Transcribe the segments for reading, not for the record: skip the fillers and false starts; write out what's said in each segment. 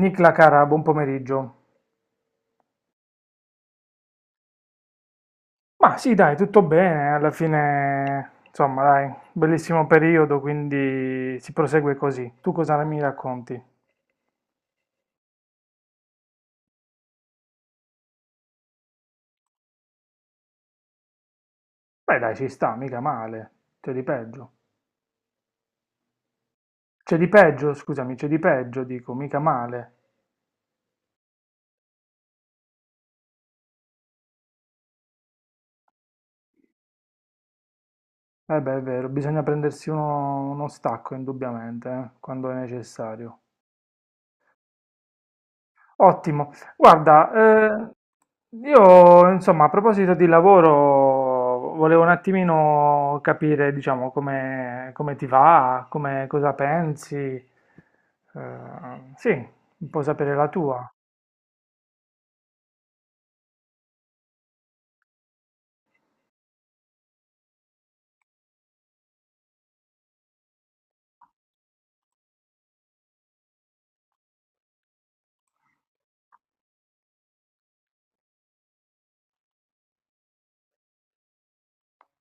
Nicla cara, buon pomeriggio. Ma sì, dai, tutto bene, alla fine, insomma, dai, bellissimo periodo, quindi si prosegue così. Tu cosa mi racconti? Beh, dai, ci sta, mica male. C'è di peggio. C'è di peggio, scusami, c'è di peggio, dico, mica male. Eh beh, è vero, bisogna prendersi uno stacco, indubbiamente, quando è necessario. Ottimo. Guarda, io insomma a proposito di lavoro volevo un attimino capire, diciamo, come ti va, come, cosa pensi. Sì, un po' sapere la tua.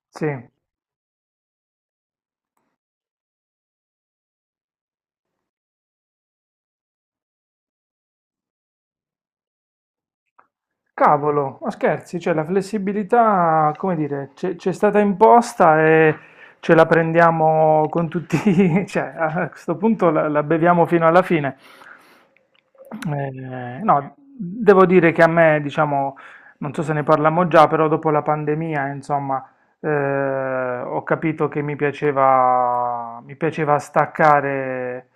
Sì. Cavolo, ma scherzi, cioè la flessibilità, come dire, c'è stata imposta e ce la prendiamo con tutti, cioè a questo punto la beviamo fino alla fine. No, devo dire che a me, diciamo, non so se ne parliamo già, però dopo la pandemia, insomma, ho capito che mi piaceva staccare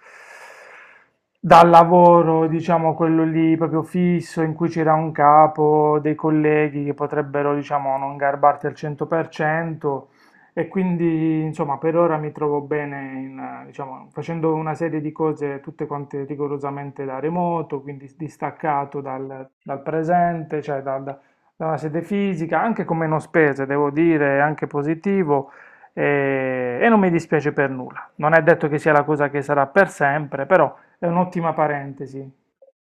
dal lavoro, diciamo quello lì proprio fisso, in cui c'era un capo, dei colleghi che potrebbero, diciamo, non garbarti al 100%. E quindi, insomma, per ora mi trovo bene, diciamo, facendo una serie di cose tutte quante rigorosamente da remoto, quindi distaccato dal presente, cioè dal la sede fisica, anche con meno spese, devo dire, è anche positivo e non mi dispiace per nulla. Non è detto che sia la cosa che sarà per sempre, però è un'ottima parentesi.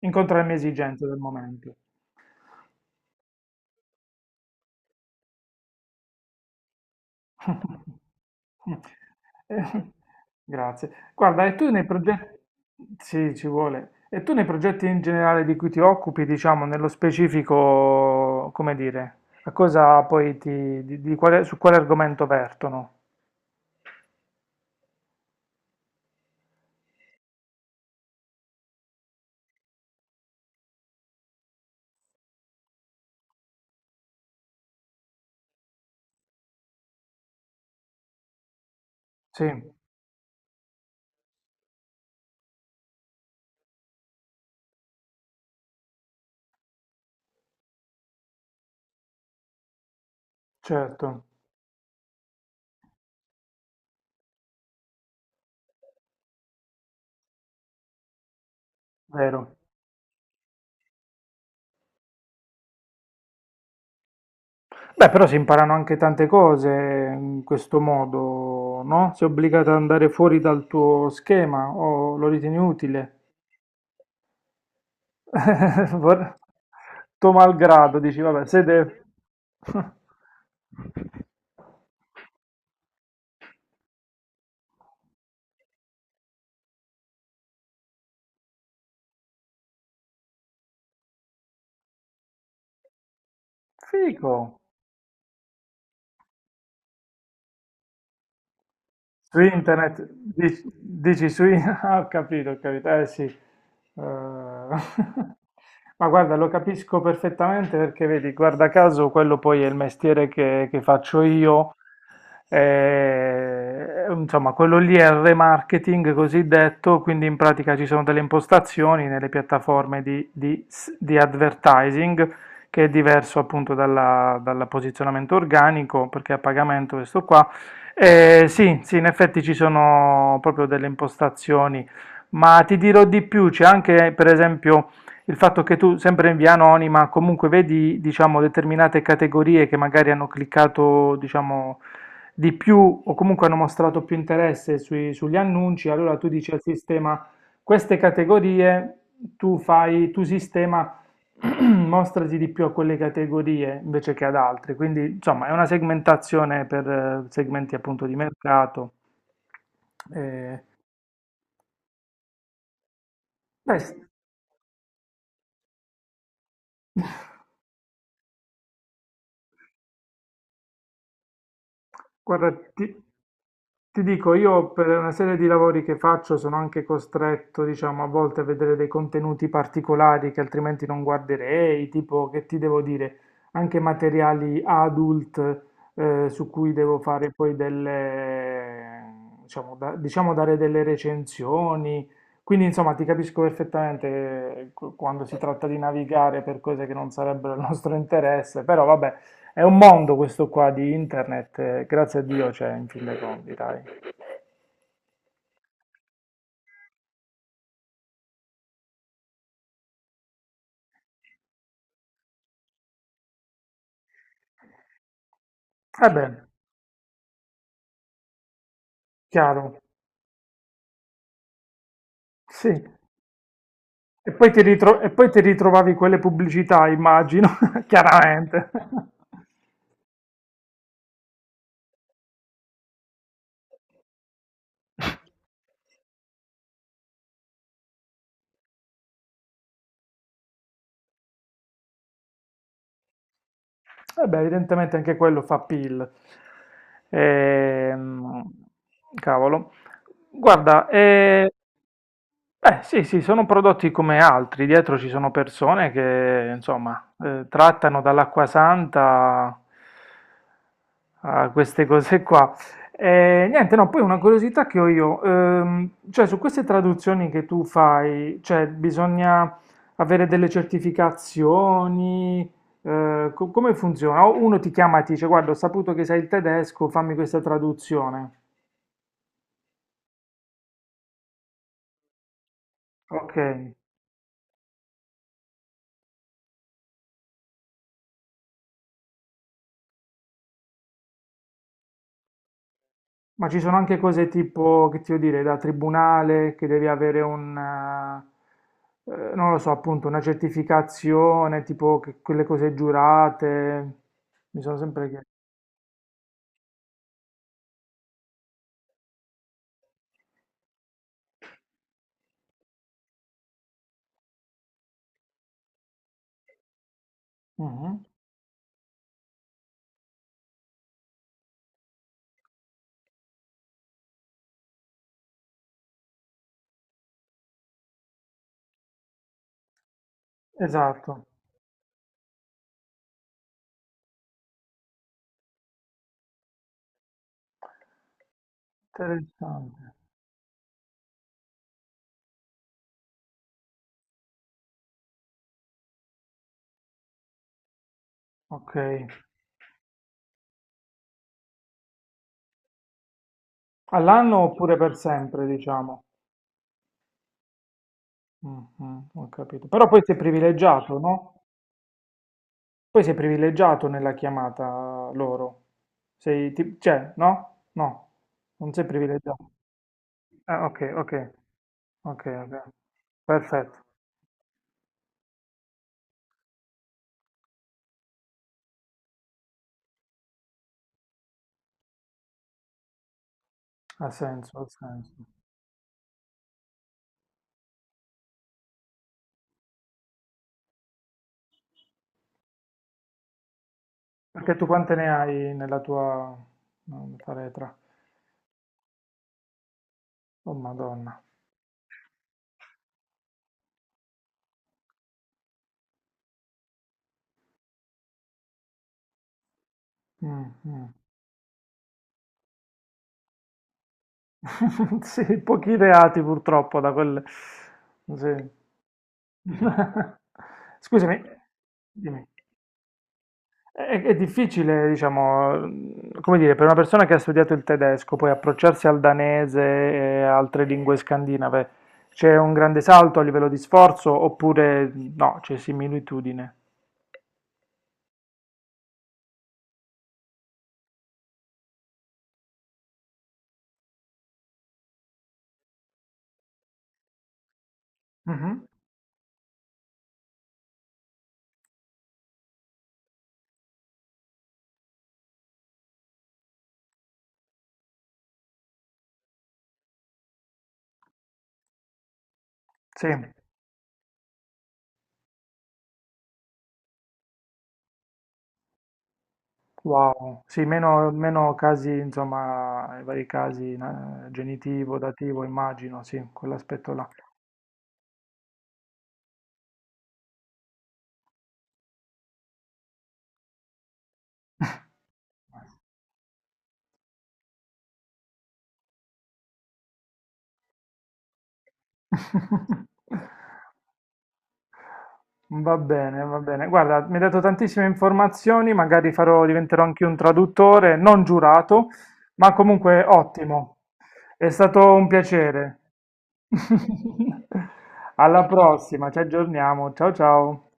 Incontra le mie esigenze del momento. Eh, grazie. Guarda, e tu nei progetti... Sì, ci vuole. E tu nei progetti in generale di cui ti occupi, diciamo, nello specifico, come dire, a cosa poi ti... di quale- su quale argomento vertono? Sì. Certo, vero. Beh, però si imparano anche tante cose in questo modo, no? Sei obbligato ad andare fuori dal tuo schema o lo ritieni utile? Vor- Tuo malgrado, dici, vabbè, siete... Fico. Su internet, dici su internet, ho capito, eh sì. Ma guarda, lo capisco perfettamente perché vedi, guarda caso, quello poi è il mestiere che faccio io. Insomma, quello lì è il remarketing cosiddetto, quindi in pratica ci sono delle impostazioni nelle piattaforme di s- di advertising che è diverso appunto dalla- dal posizionamento organico, perché a pagamento questo qua sì, sì, in effetti ci sono proprio delle impostazioni, ma ti dirò di più, c'è anche per esempio il fatto che tu, sempre in via anonima, comunque vedi, diciamo, determinate categorie che magari hanno cliccato, diciamo, di più o comunque hanno mostrato più interesse sui- sugli annunci, allora tu dici al sistema queste categorie, tu fai, tu sistema mostrati di più a quelle categorie invece che ad altre, quindi insomma è una segmentazione per segmenti appunto di mercato. Eh, beh, s- Guarda, ti dico, io per una serie di lavori che faccio sono anche costretto, diciamo, a volte a vedere dei contenuti particolari che altrimenti non guarderei, tipo, che ti devo dire, anche materiali adult su cui devo fare poi delle, diciamo, da- diciamo, dare delle recensioni. Quindi, insomma, ti capisco perfettamente qu- quando si tratta di navigare per cose che non sarebbero il nostro interesse, però vabbè. È un mondo questo qua di internet, grazie a Dio c'è in fin dei conti, dai. Eh beh, chiaro, sì. E poi ti ritro- e poi ti ritrovavi quelle pubblicità, immagino, chiaramente. Eh beh, evidentemente anche quello fa PIL. Ehm, cavolo. Guarda, beh, sì, sì, sono prodotti come altri. Dietro ci sono persone che, insomma, trattano dall'acqua santa a queste cose qua. E, niente, no, poi una curiosità che ho io, cioè su queste traduzioni che tu fai, cioè bisogna avere delle certificazioni, co- come funziona? O uno ti chiama e ti dice, guarda, ho saputo che sai il tedesco, fammi questa traduzione. Ok. Ma ci sono anche cose tipo, che ti devo dire, da tribunale, che devi avere non lo so, appunto, una certificazione, tipo che- quelle cose giurate, mi sono sempre chiesto. Mhm. Esatto, interessante. Ok. All'anno oppure per sempre, diciamo. Mhm, ho capito. Però poi sei privilegiato, no? Poi sei privilegiato nella chiamata loro. Sei, ti- cioè, no? No, non sei privilegiato. Ah, okay, okay. Okay, okay. Perfetto, ha senso, ha senso. Perché tu quante ne hai nella tua no, faretra? Oh Madonna. Mm, mm. Sì, pochi reati purtroppo da quel... Sì. Scusami, dimmi. È difficile, diciamo, come dire, per una persona che ha studiato il tedesco, poi approcciarsi al danese e altre lingue scandinave, c'è un grande salto a livello di sforzo oppure no, c'è similitudine? Mhm. Sì, wow, sì, meno casi, insomma, i vari casi, na- genitivo, dativo, immagino, sì, quell'aspetto là. Va bene, va bene. Guarda, mi hai dato tantissime informazioni, magari farò, diventerò anche un traduttore, non giurato, ma comunque ottimo. È stato un piacere. Alla prossima, ci aggiorniamo. Ciao ciao.